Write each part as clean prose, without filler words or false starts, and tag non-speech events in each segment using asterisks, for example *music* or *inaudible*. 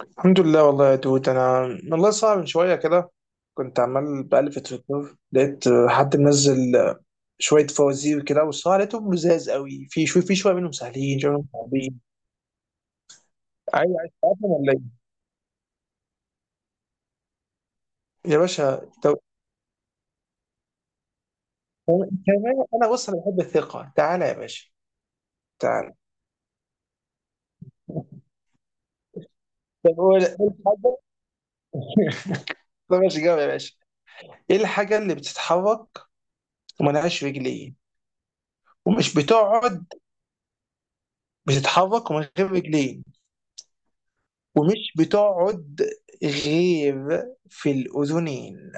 الحمد لله والله يا دود، انا والله صعب من شويه كده. كنت عمال بقلب في تويتر، لقيت حد منزل شويه فوازير كده، والصراحه لقيتهم لزاز قوي، في شويه منهم سهلين، شويه منهم صعبين. عايز تعرفهم ولا ايه؟ يا باشا، طب كمان انا بص، انا بحب الثقه، تعالى يا باشا. تعالى، طب قول إيه الحاجه. *laughs* طب ماشي، جاوب يا باشا. ايه الحاجه اللي بتتحرك وملهاش رجلين ومش بتقعد؟ بتتحرك ومن غير رجلين، ومش بتقعد غير في الأذنين.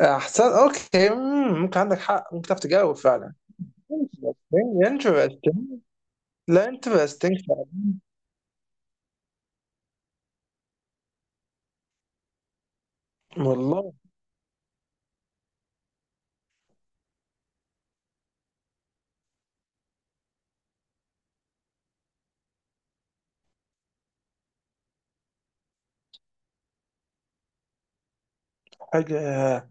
أحسن، أوكي، ممكن عندك حق، ممكن تعرف تجاوب فعلا. interesting interesting. لا، interesting فعلا. والله. حاجة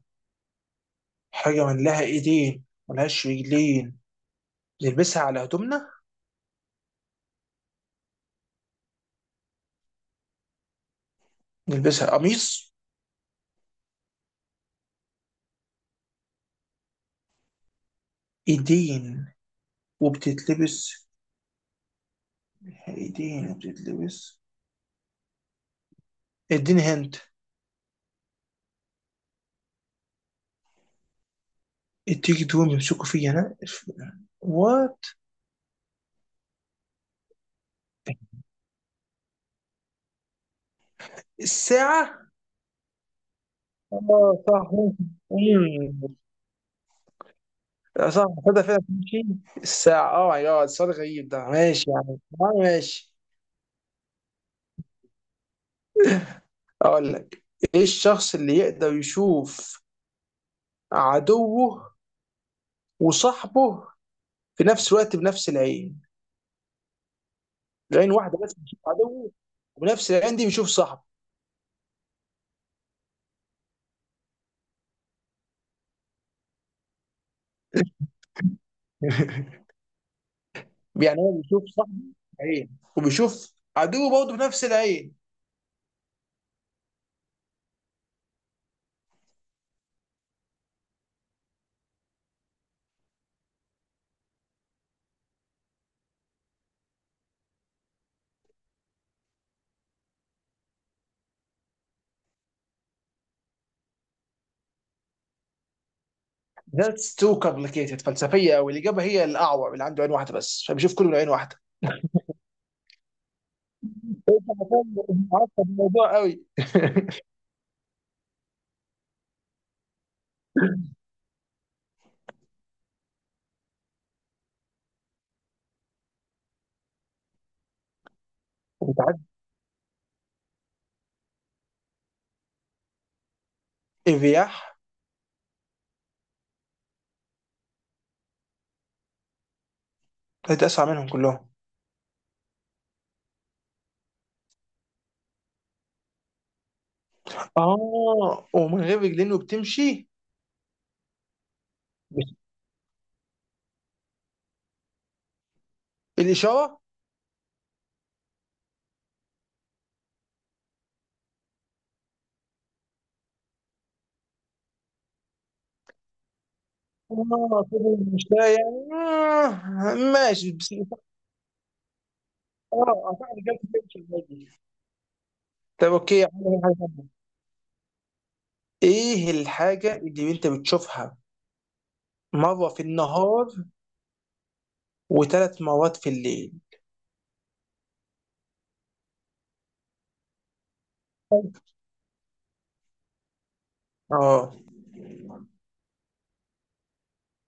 حاجة من لها إيدين ملهاش رجلين، نلبسها على هدومنا؟ نلبسها قميص؟ إيدين وبتتلبس إيدين وبتتلبس. إديني هنت. التيك دوم يمسكوا فيا أنا، وات. الساعة، اه صح، ممكن. صح، تصدق فعلا تمشي الساعة؟ اه ماي جاد، سؤال غريب ده، ماشي يعني، ماشي. اقول لك، ايه الشخص اللي يقدر يشوف عدوه وصاحبه في نفس الوقت بنفس العين؟ العين واحدة بس بيشوف عدوه، وبنفس العين دي بيشوف صاحبه. *laughs* يعني هو بيشوف صاحبه عين، وبيشوف عدوه برضه بنفس العين. That's too complicated، فلسفية أوي. الإجابة هي الأعور اللي عنده عين واحدة بس، فبيشوف كله من عين واحدة. *laughs* أنت عارف الموضوع قوي. *laughs* أنت عارف، الرياح. *laughs* كانت اسرع منهم كلهم. اه، ومن غير رجلين وبتمشي؟ مش الاشاره؟ اه كده، مش لا يعني، ماشي بس. اه، أعتقد جت بتمشي عادي. طب اوكي يا عم، حاجة تانية. ايه الحاجه اللي انت بتشوفها مره في النهار وثلاث مرات في الليل؟ اه،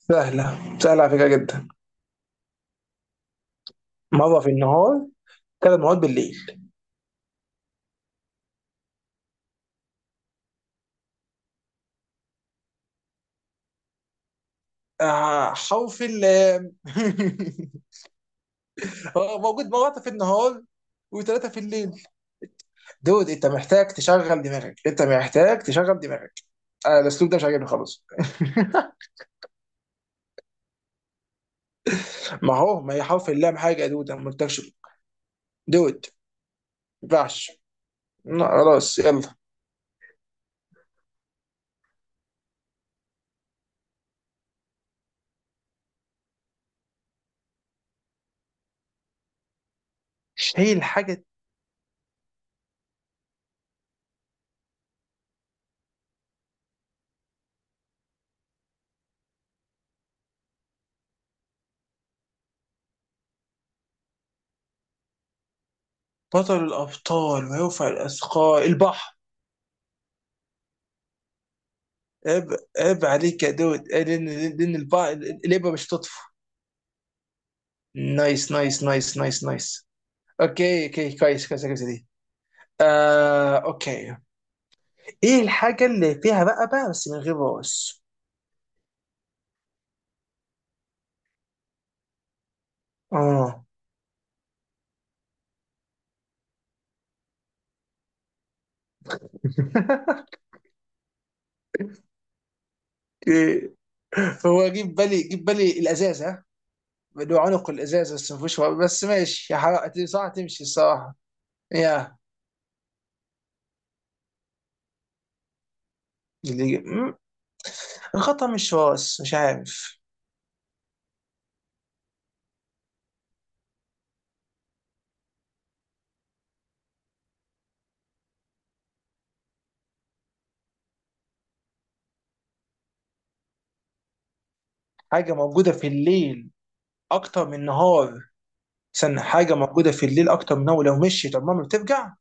سهله، سهله على فكره جدا. مره في النهار، 3 مرات بالليل. حرف ال. *laughs* موجود مرات في النهار وثلاثه في الليل. دود، انت محتاج تشغل دماغك، انت محتاج تشغل دماغك. انا الاسلوب ده مش عاجبني خالص. ما هو، ما هي حرف اللام حاجه، يا دود انا ما قلتلكش. دود، ما ينفعش. لا، خلاص يلا. شيل حاجه. بطل الابطال ويرفع الاثقال، البحر. عيب، عيب عليك يا دود، لان البحر الابره مش تطفو. نايس نايس نايس نايس نايس. اوكي اوكي، كويس كويس كويس دي. آه، اوكي. ايه الحاجه اللي فيها بقى بس من غير راس؟ اه. *laughs* هو جيب بالي، جيب بالي، الازازه. اللي هو عنق الازازه، بس ما فيهوش ورق. بس ماشي، يا حرام صح، تمشي الصراحه. يا، مم. الخطأ، مش راس، مش عارف. حاجه موجوده في الليل اكتر من النهار. استنى، حاجه موجوده في الليل اكتر من النهار، لو مشيت عمرها ما بترجع.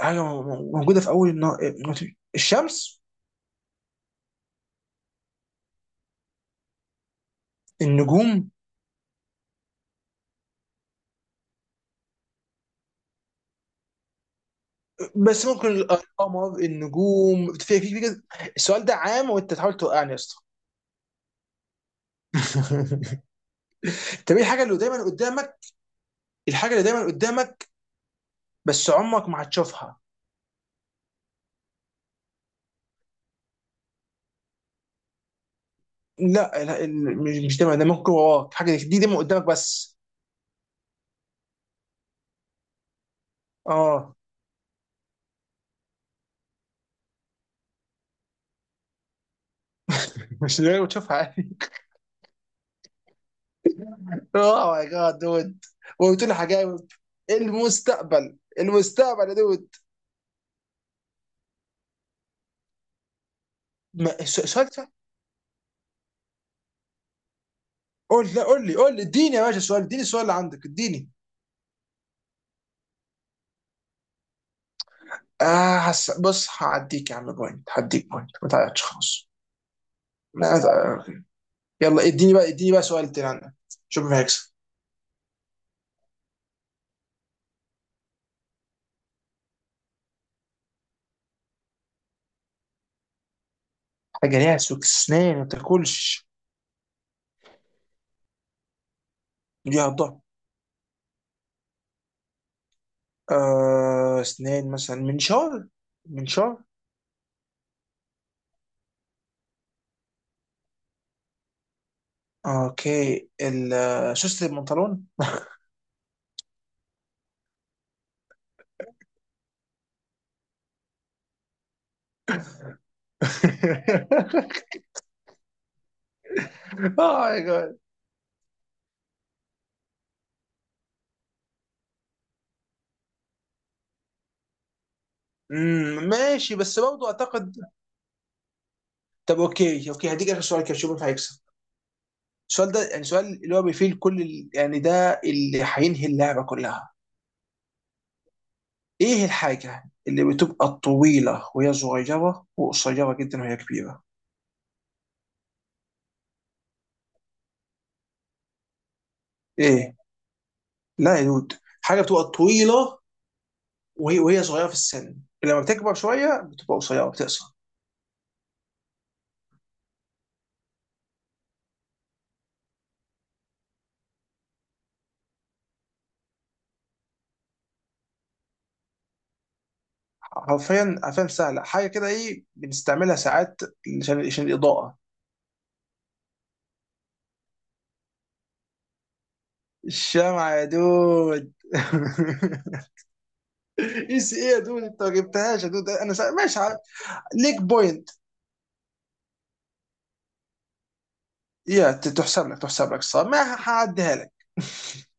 حاجه موجوده في اول النهار؟ الشمس؟ النجوم؟ بس ممكن القمر، النجوم، في كده. السؤال ده عام، وانت تحاول توقعني يا اسطى. *laughs* طب، ايه الحاجه اللي دايما قدامك الحاجه اللي دايما قدامك، بس عمرك ما هتشوفها. لا، لا، مش دايما، ده ممكن وراك حاجه، دي دايما قدامك بس. اه. *laughs* مش دايما بتشوفها عادي. اوه ماي جاد دود، وقلت لي *laughs* حاجه. المستقبل، المستقبل يا دود. سؤال سهل. قول، لا قول لي، قول لي، اديني يا باشا السؤال، اديني السؤال اللي عندك، اديني. اه، بص، هعديك يا عم بوينت، هديك بوينت، ما تعيطش خلاص. ما تع- يلا، اديني بقى، اديني بقى سؤال تاني عندك، شوف مين هيكسب. حاجه ليها سوكسنان ما تاكلش؟ يا ضهر. اسنان، مثلا منشار. منشار. اوكي، سوست البنطلون. *laughs* اه ماي جاد. *laughs* ماشي، بس برضه اعتقد. طب، اوكي اوكي، هديك اخر سؤال كده، شوف مين هيكسب. السؤال ده يعني سؤال اللي هو بيفيل كل يعني ده اللي هينهي اللعبه كلها. ايه الحاجه اللي بتبقى طويله وهي صغيره، وقصيره جدا وهي كبيره؟ ايه؟ لا يا دود، حاجه بتبقى طويله وهي صغيره في السن، لما بتكبر شويه بتبقى قصيره، بتقصر. حرفيا حرفيا سهله، حاجه كده، ايه بنستعملها ساعات عشان الاضاءه. الشمعة يا دود. *laughs* اي سي ايه يا دود، انت ما جبتهاش، يا دود انا ماشي ليك بوينت. يا، تحسب لك، تحسب لك صار، ما هعديها لك. *laughs*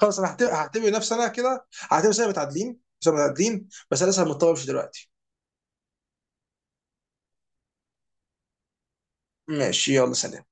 خلاص، انا هعتبر نفسي انا كده. هعتبر سنه متعادلين، سنه متعادلين، بس انا لسه مضطر امشي دلوقتي. ماشي، يلا سلام.